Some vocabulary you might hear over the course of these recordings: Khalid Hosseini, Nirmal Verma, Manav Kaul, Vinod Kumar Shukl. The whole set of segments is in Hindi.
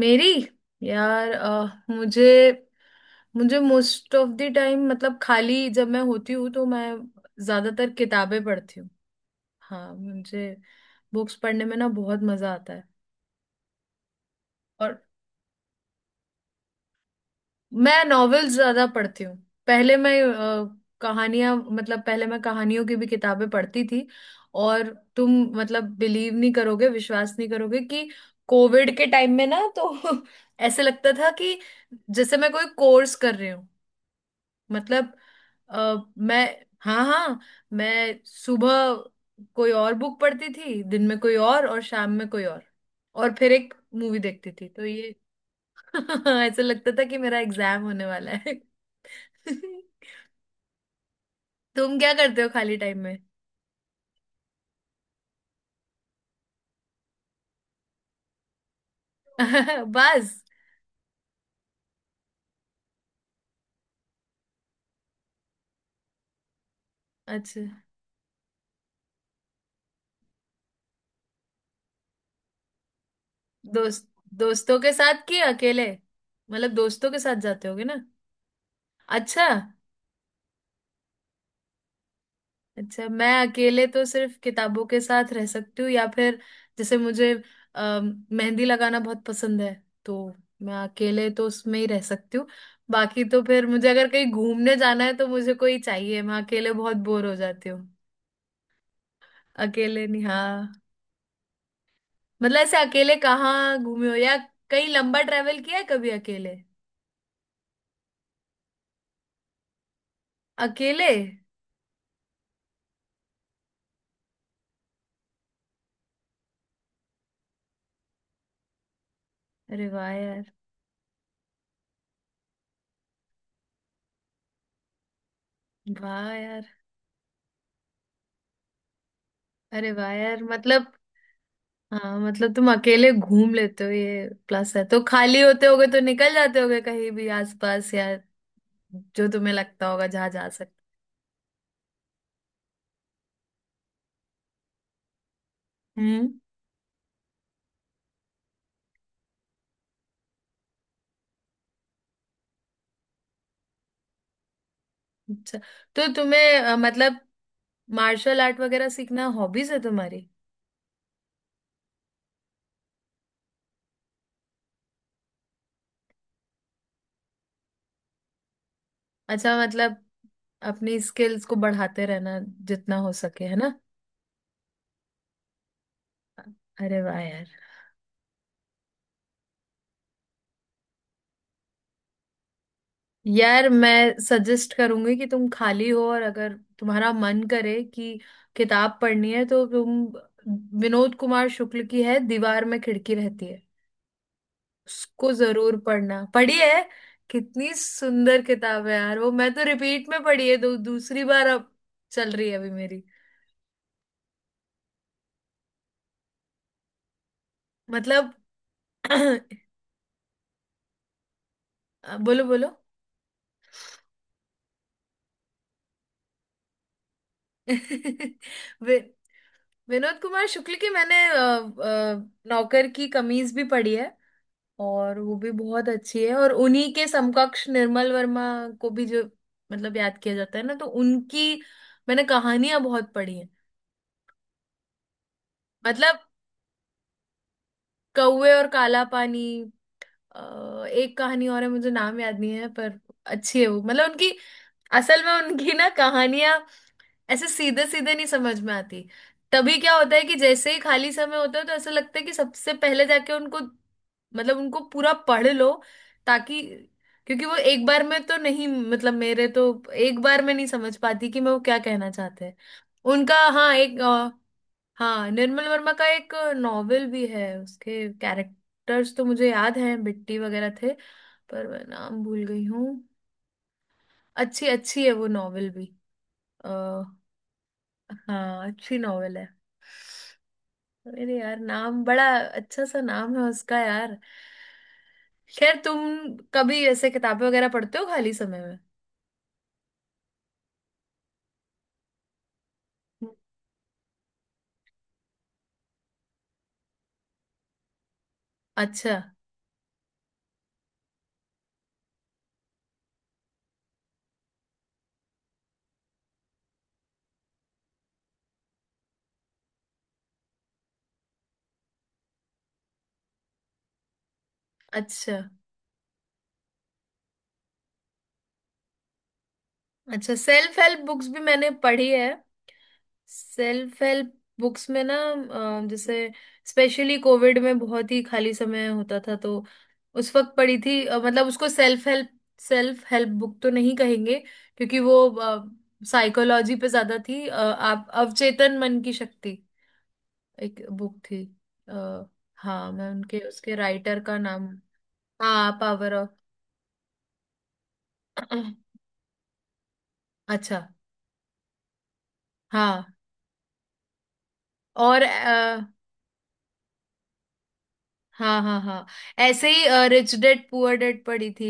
मेरी यार मुझे मुझे मोस्ट ऑफ द टाइम मतलब खाली जब मैं होती हूँ तो मैं ज्यादातर किताबें पढ़ती हूँ। हाँ मुझे बुक्स पढ़ने में ना बहुत मजा आता है। और मैं नॉवेल्स ज्यादा पढ़ती हूँ। पहले मैं कहानियां मतलब पहले मैं कहानियों की भी किताबें पढ़ती थी। और तुम मतलब बिलीव नहीं करोगे, विश्वास नहीं करोगे कि कोविड के टाइम में ना तो ऐसे लगता था कि जैसे मैं कोई कोर्स कर रही हूँ। मतलब मैं, हाँ हाँ, मैं सुबह कोई और बुक पढ़ती थी, दिन में कोई और शाम में कोई और। और फिर एक मूवी देखती थी, तो ये ऐसा लगता था कि मेरा एग्जाम होने वाला है। तुम क्या करते हो खाली टाइम में? बस। अच्छा। दोस्त दोस्तों के साथ कि अकेले? मतलब दोस्तों के साथ जाते होगे ना। अच्छा। अच्छा, मैं अकेले तो सिर्फ किताबों के साथ रह सकती हूँ, या फिर जैसे मुझे मेहंदी लगाना बहुत पसंद है, तो मैं अकेले तो उसमें ही रह सकती हूँ। बाकी तो फिर मुझे अगर कहीं घूमने जाना है तो मुझे कोई चाहिए, मैं अकेले बहुत बोर हो जाती हूँ। अकेले नहीं, हाँ। मतलब ऐसे अकेले कहाँ घूमे हो, या कहीं लंबा ट्रेवल किया है कभी अकेले? अकेले? अरे वाह यार। वाह यार। अरे वाह यार। मतलब हाँ, मतलब तुम अकेले घूम लेते हो, ये प्लस है, तो खाली होते होगे तो निकल जाते होगे कहीं भी आसपास, या जो तुम्हें लगता होगा जहाँ जा सकते। हम्म। अच्छा, तो तुम्हें मतलब मार्शल आर्ट वगैरह सीखना हॉबीज है तुम्हारी? अच्छा, मतलब अपनी स्किल्स को बढ़ाते रहना जितना हो सके, है ना। अरे वाह यार। यार मैं सजेस्ट करूंगी कि तुम खाली हो और अगर तुम्हारा मन करे कि किताब पढ़नी है, तो तुम विनोद कुमार शुक्ल की है दीवार में खिड़की रहती है, उसको जरूर पढ़ना। पढ़ी है? कितनी सुंदर किताब है यार। वो मैं तो रिपीट में पढ़ी है, दो दूसरी बार अब चल रही है अभी मेरी। मतलब बोलो बोलो। वि, विनोद कुमार शुक्ल की मैंने नौकर की कमीज भी पढ़ी है, और वो भी बहुत अच्छी है। और उन्हीं के समकक्ष निर्मल वर्मा को भी जो मतलब याद किया जाता है ना, तो उनकी मैंने कहानियां बहुत पढ़ी हैं। मतलब कौवे और काला पानी, एक कहानी और है मुझे नाम याद नहीं है, पर अच्छी है वो, मतलब उनकी। असल में उनकी ना कहानियां ऐसे सीधे सीधे नहीं समझ में आती। तभी क्या होता है कि जैसे ही खाली समय होता है तो ऐसा लगता है कि सबसे पहले जाके उनको मतलब उनको पूरा पढ़ लो, ताकि, क्योंकि वो एक बार में तो नहीं, मतलब मेरे तो एक बार में नहीं समझ पाती कि मैं वो क्या कहना चाहते हैं उनका। हाँ एक हाँ, निर्मल वर्मा का एक नॉवेल भी है, उसके कैरेक्टर्स तो मुझे याद हैं, बिट्टी वगैरह थे, पर मैं नाम भूल गई हूँ। अच्छी, अच्छी है वो नॉवेल भी। हाँ अच्छी नॉवेल है। अरे यार नाम बड़ा अच्छा सा नाम है उसका यार। खैर, तुम कभी ऐसे किताबें वगैरह पढ़ते हो खाली समय में? अच्छा। अच्छा। अच्छा, सेल्फ हेल्प बुक्स भी मैंने पढ़ी है। सेल्फ हेल्प बुक्स में ना जैसे स्पेशली कोविड में बहुत ही खाली समय होता था, तो उस वक्त पढ़ी थी। मतलब उसको सेल्फ हेल्प बुक तो नहीं कहेंगे, क्योंकि वो साइकोलॉजी पे ज्यादा थी। आप अवचेतन मन की शक्ति, एक बुक थी। आ, हाँ, मैं उनके, उसके राइटर का नाम। हाँ, पावर ऑफ। अच्छा। हाँ। और हाँ हाँ हाँ। ऐसे ही रिच डेड पुअर डेड पढ़ी थी,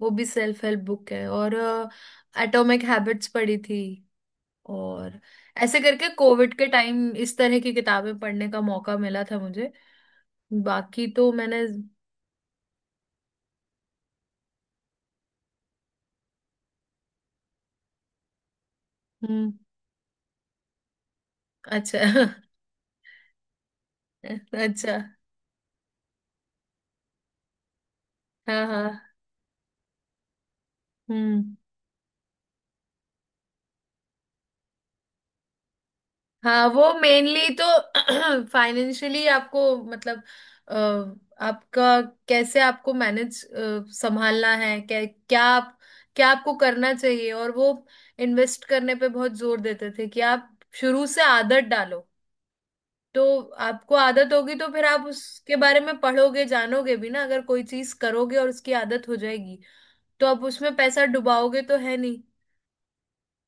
वो भी सेल्फ हेल्प बुक है। और एटॉमिक हैबिट्स पढ़ी थी, और ऐसे करके कोविड के टाइम इस तरह की किताबें पढ़ने का मौका मिला था मुझे। बाकी तो मैंने, हम्म। अच्छा। अच्छा। हाँ हाँ। हम्म। हाँ, वो मेनली तो फाइनेंशियली आपको, मतलब अ, आपका कैसे, आपको मैनेज, संभालना है, क्या क्या आप, क्या आपको करना चाहिए, और वो इन्वेस्ट करने पे बहुत जोर देते थे कि आप शुरू से आदत डालो। तो आपको आदत होगी तो फिर आप उसके बारे में पढ़ोगे, जानोगे भी ना, अगर कोई चीज करोगे और उसकी आदत हो जाएगी, तो आप उसमें पैसा डुबाओगे तो है,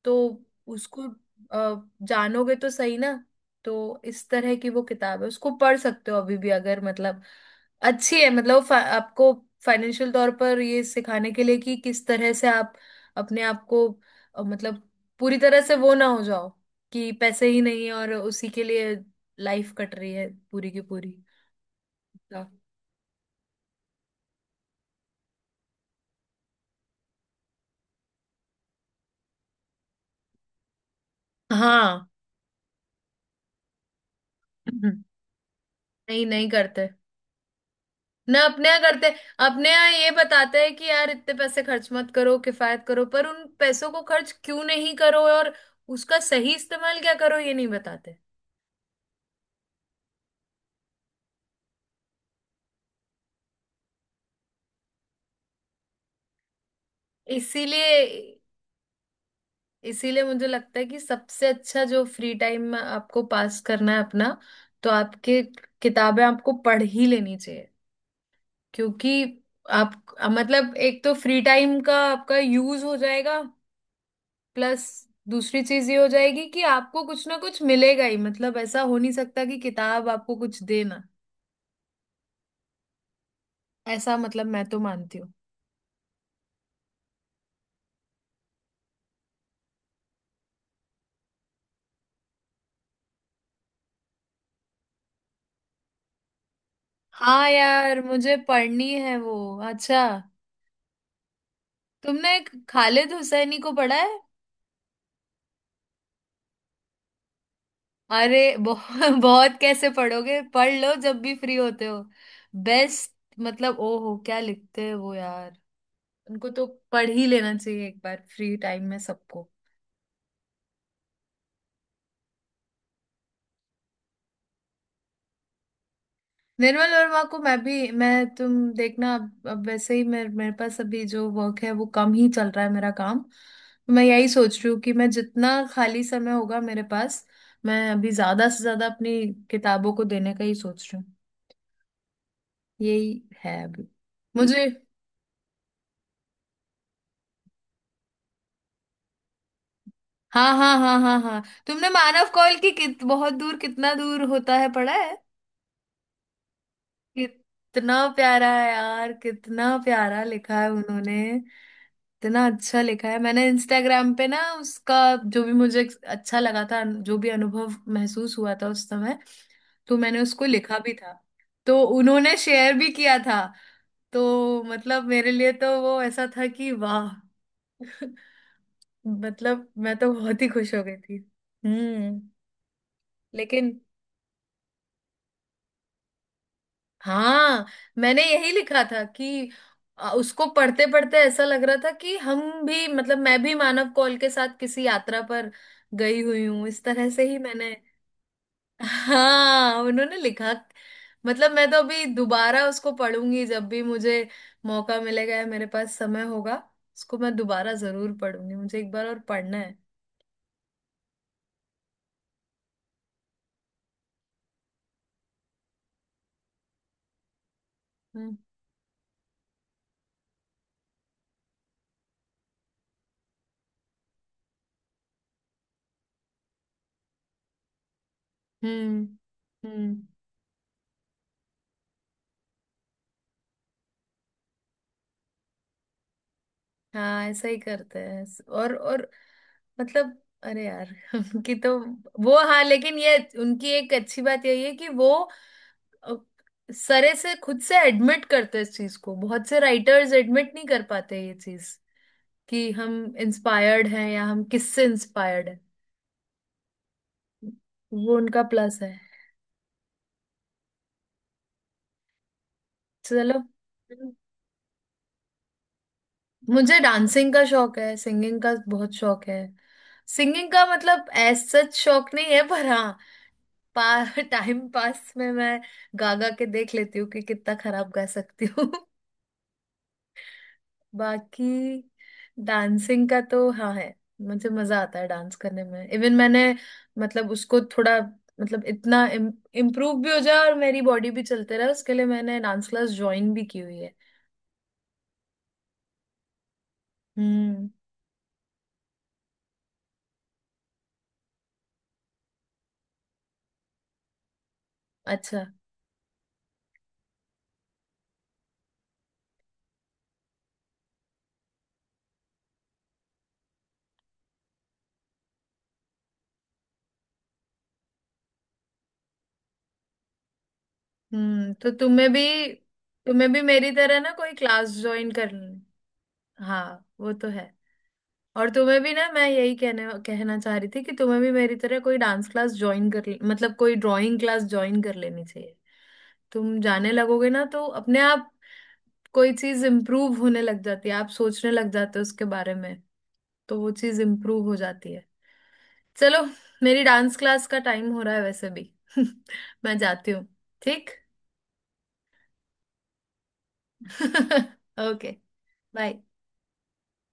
तो उसको जानोगे तो सही ना। तो इस तरह की वो किताब है, उसको पढ़ सकते हो अभी भी अगर, मतलब अच्छी है मतलब आपको फाइनेंशियल तौर पर ये सिखाने के लिए कि किस तरह से आप अपने आप को मतलब पूरी तरह से वो ना हो जाओ कि पैसे ही नहीं है और उसी के लिए लाइफ कट रही है पूरी की पूरी। हाँ। नहीं, नहीं करते ना अपने यहाँ करते, अपने यहाँ ये बताते हैं कि यार इतने पैसे खर्च मत करो, किफायत करो, पर उन पैसों को खर्च क्यों नहीं करो और उसका सही इस्तेमाल क्या करो ये नहीं बताते। इसीलिए इसीलिए मुझे लगता है कि सबसे अच्छा जो फ्री टाइम में आपको पास करना है अपना, तो आपके किताबें आपको पढ़ ही लेनी चाहिए। क्योंकि आप, मतलब एक तो फ्री टाइम का आपका यूज हो जाएगा, प्लस दूसरी चीज ये हो जाएगी कि आपको कुछ ना कुछ मिलेगा ही, मतलब ऐसा हो नहीं सकता कि किताब आपको कुछ देना, ऐसा मतलब मैं तो मानती हूँ। हाँ यार, मुझे पढ़नी है वो। अच्छा, तुमने एक खालिद हुसैनी को पढ़ा है? अरे बहुत। बहुत कैसे पढ़ोगे, पढ़ लो जब भी फ्री होते हो, बेस्ट। मतलब ओहो, क्या लिखते हैं वो यार, उनको तो पढ़ ही लेना चाहिए एक बार फ्री टाइम में सबको। निर्मल वर्मा को मैं भी, मैं तुम देखना, अब वैसे ही मेरे मेरे पास अभी जो वर्क है वो कम ही चल रहा है मेरा काम। मैं यही सोच रही हूँ कि मैं जितना खाली समय होगा मेरे पास, मैं अभी ज्यादा से ज्यादा अपनी किताबों को देने का ही सोच रही हूँ। यही है अभी। मुझे, हाँ हाँ हाँ हाँ हाँ, तुमने मानव कौल की कित बहुत दूर कितना दूर होता है पढ़ा है? कितना प्यारा है यार, कितना प्यारा लिखा है उन्होंने। इतना अच्छा लिखा है। मैंने इंस्टाग्राम पे ना उसका, जो भी मुझे अच्छा लगा था, जो भी अनुभव महसूस हुआ था उस समय, तो मैंने उसको लिखा भी था। तो उन्होंने शेयर भी किया था। तो मतलब मेरे लिए तो वो ऐसा था कि वाह। मतलब मैं तो बहुत ही खुश हो गई थी। हम्म। लेकिन हाँ, मैंने यही लिखा था कि उसको पढ़ते पढ़ते ऐसा लग रहा था कि हम भी, मतलब मैं भी मानव कौल के साथ किसी यात्रा पर गई हुई हूँ, इस तरह से ही मैंने। हाँ उन्होंने लिखा। मतलब मैं तो अभी दोबारा उसको पढ़ूंगी जब भी मुझे मौका मिलेगा या मेरे पास समय होगा। उसको मैं दोबारा जरूर पढ़ूंगी, मुझे एक बार और पढ़ना है। हम्म। हम्म। हम्म, हाँ ऐसा ही करते हैं। और मतलब, अरे यार कि तो वो, हाँ लेकिन ये उनकी एक अच्छी बात यही है कि वो अ, सरे से खुद से एडमिट करते हैं इस चीज को, बहुत से राइटर्स एडमिट नहीं कर पाते ये चीज, कि हम इंस्पायर्ड हैं, या हम किससे इंस्पायर्ड हैं। वो उनका प्लस है। चलो। मुझे डांसिंग का शौक है, सिंगिंग का बहुत शौक है। सिंगिंग का मतलब एज सच शौक नहीं है, पर हाँ पार टाइम पास में मैं गा गा के देख लेती हूँ कि कितना खराब गा सकती हूँ। बाकी डांसिंग का तो हाँ है। मुझे मजा आता है डांस करने में। इवन मैंने, मतलब उसको थोड़ा, मतलब इतना इम्प्रूव भी हो जाए और मेरी बॉडी भी चलते रहे, उसके लिए मैंने डांस क्लास ज्वाइन भी की हुई है। हम्म। अच्छा। हम्म, तो तुम्हें भी मेरी तरह ना कोई क्लास ज्वाइन करनी। हाँ वो तो है। और तुम्हें भी ना मैं यही कहने, कहना चाह रही थी कि तुम्हें भी मेरी तरह कोई डांस क्लास ज्वाइन मतलब कोई ड्राइंग क्लास ज्वाइन कर लेनी चाहिए। तुम जाने लगोगे ना तो अपने आप कोई चीज इम्प्रूव होने लग जाती है, आप सोचने लग जाते हो उसके बारे में, तो वो चीज इम्प्रूव हो जाती है। चलो, मेरी डांस क्लास का टाइम हो रहा है वैसे भी। मैं जाती हूँ। ठीक। ओके। बाय।